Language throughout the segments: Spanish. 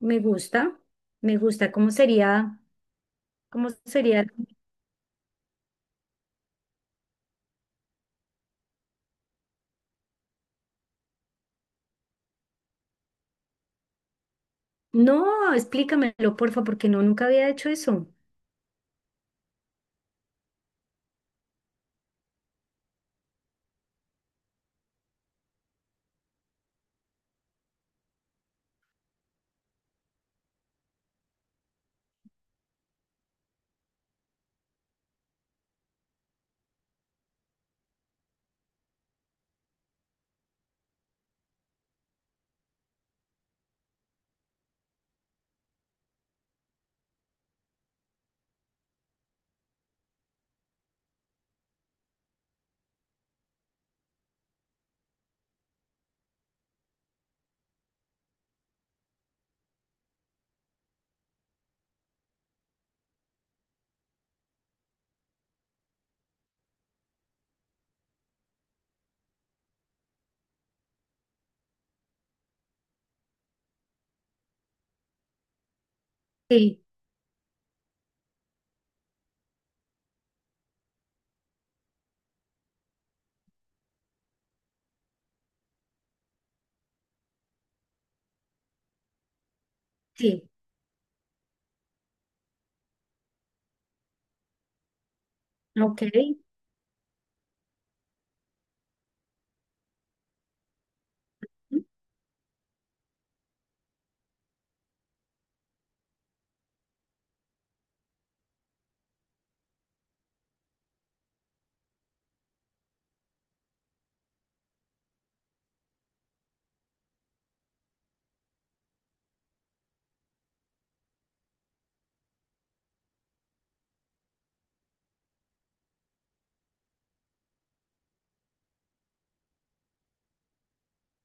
Me gusta, me gusta. ¿Cómo sería? ¿Cómo sería? No, explícamelo, porfa, porque no, nunca había hecho eso. Sí, sí, ok.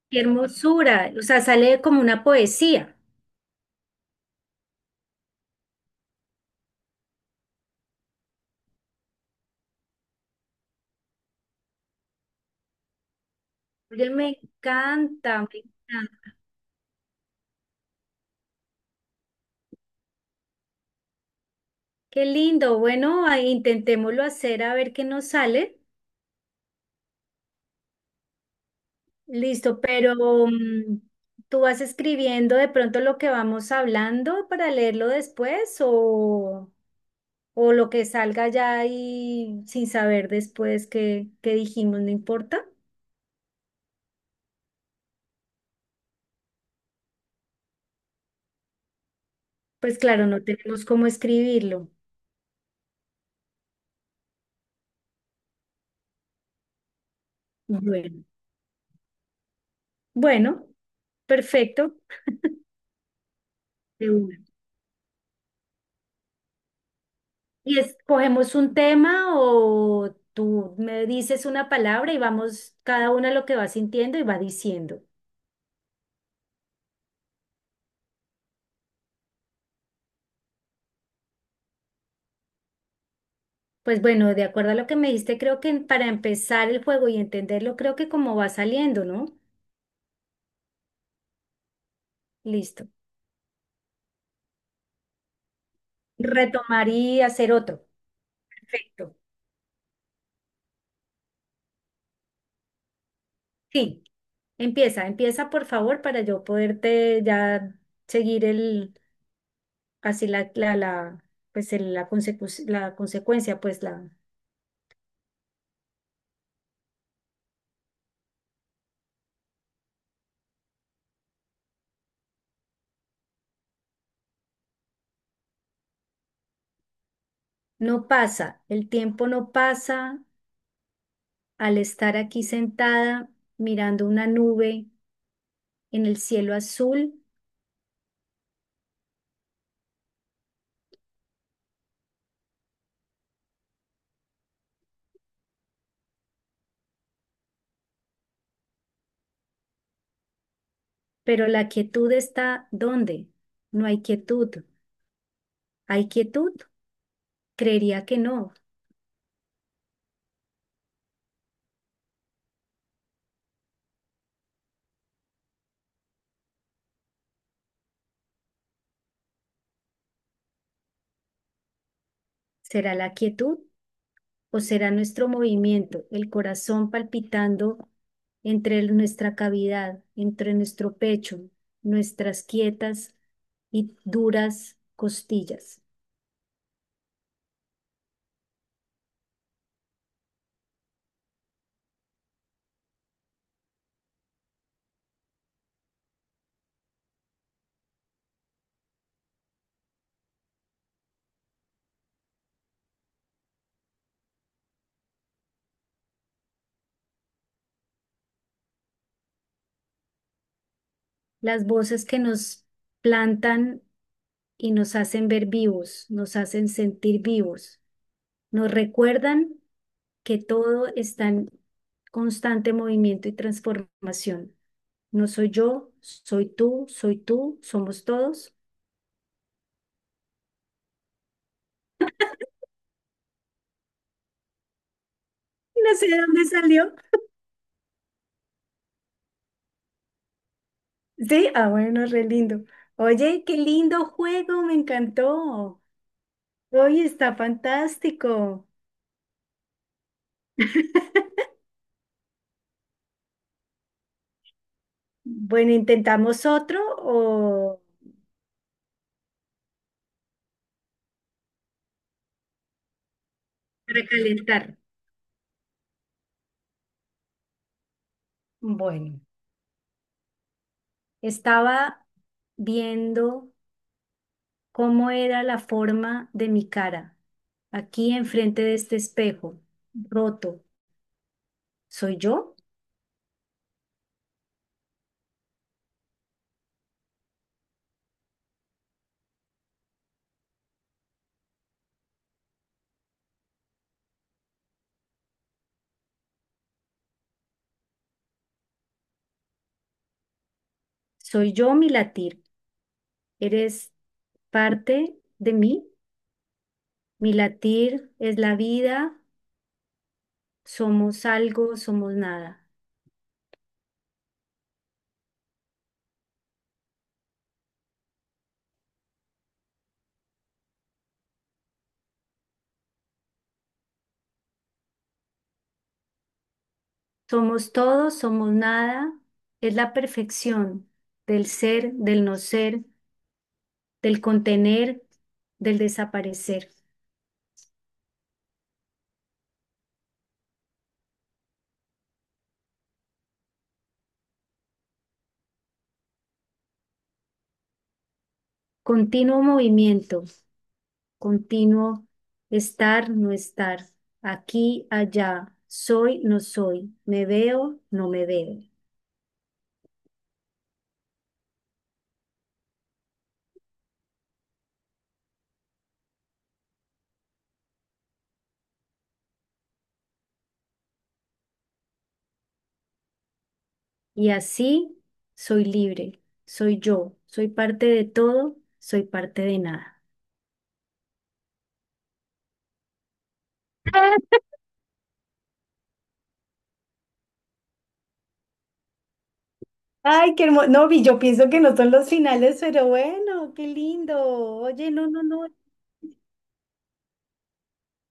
Qué hermosura. O sea, sale como una poesía. Oye, me encanta, me encanta. Qué lindo. Bueno, ahí intentémoslo hacer a ver qué nos sale. Listo, pero mm, ¿tú vas escribiendo de pronto lo que vamos hablando para leerlo después o lo que salga ya y sin saber después qué, qué dijimos, no importa? Pues claro, no tenemos cómo escribirlo. Bueno, bueno, perfecto. De una. ¿Y escogemos un tema o tú me dices una palabra y vamos cada una lo que va sintiendo y va diciendo? Pues bueno, de acuerdo a lo que me diste, creo que para empezar el juego y entenderlo, creo que como va saliendo, ¿no? Listo. Retomar y hacer otro. Perfecto. Sí, empieza, empieza por favor para yo poderte ya seguir el, así pues la consecuencia, pues la, no pasa, el tiempo no pasa al estar aquí sentada mirando una nube en el cielo azul. Pero la quietud está ¿dónde? No hay quietud. ¿Hay quietud? Creería que no. ¿Será la quietud o será nuestro movimiento, el corazón palpitando entre nuestra cavidad, entre nuestro pecho, nuestras quietas y duras costillas? Las voces que nos plantan y nos hacen ver vivos, nos hacen sentir vivos, nos recuerdan que todo está en constante movimiento y transformación. No soy yo, soy tú, somos todos. No sé de dónde salió. Sí, ah, bueno, re lindo. Oye, qué lindo juego, me encantó. Oye, está fantástico. Bueno, ¿intentamos otro o recalentar? Bueno, estaba viendo cómo era la forma de mi cara, aquí enfrente de este espejo, roto. ¿Soy yo? ¿Soy yo mi latir? ¿Eres parte de mí? Mi latir es la vida, somos algo, somos nada. Somos todo, somos nada, es la perfección del ser, del no ser, del contener, del desaparecer. Continuo movimiento, continuo, estar, no estar, aquí, allá, soy, no soy, me veo, no me veo. Y así soy libre, soy yo, soy parte de todo, soy parte de nada. Ay, qué hermoso. No, vi, yo pienso que no son los finales, pero bueno, qué lindo. Oye, no, no, no,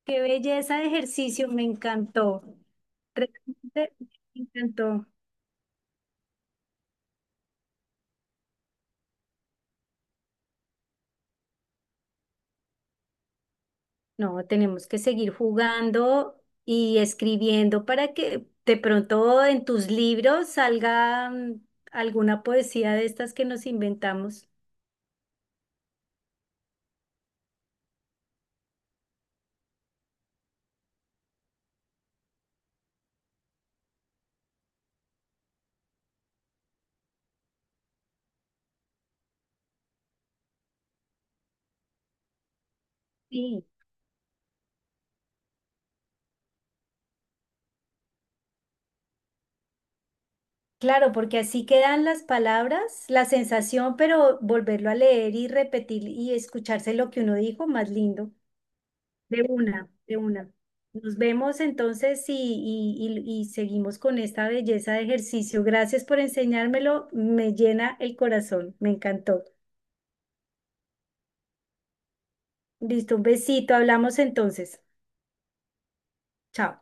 qué belleza de ejercicio, me encantó. Realmente me encantó. No, tenemos que seguir jugando y escribiendo para que de pronto en tus libros salga, alguna poesía de estas que nos inventamos. Sí, claro, porque así quedan las palabras, la sensación, pero volverlo a leer y repetir y escucharse lo que uno dijo, más lindo. De una, de una. Nos vemos entonces y, y seguimos con esta belleza de ejercicio. Gracias por enseñármelo, me llena el corazón, me encantó. Listo, un besito, hablamos entonces. Chao.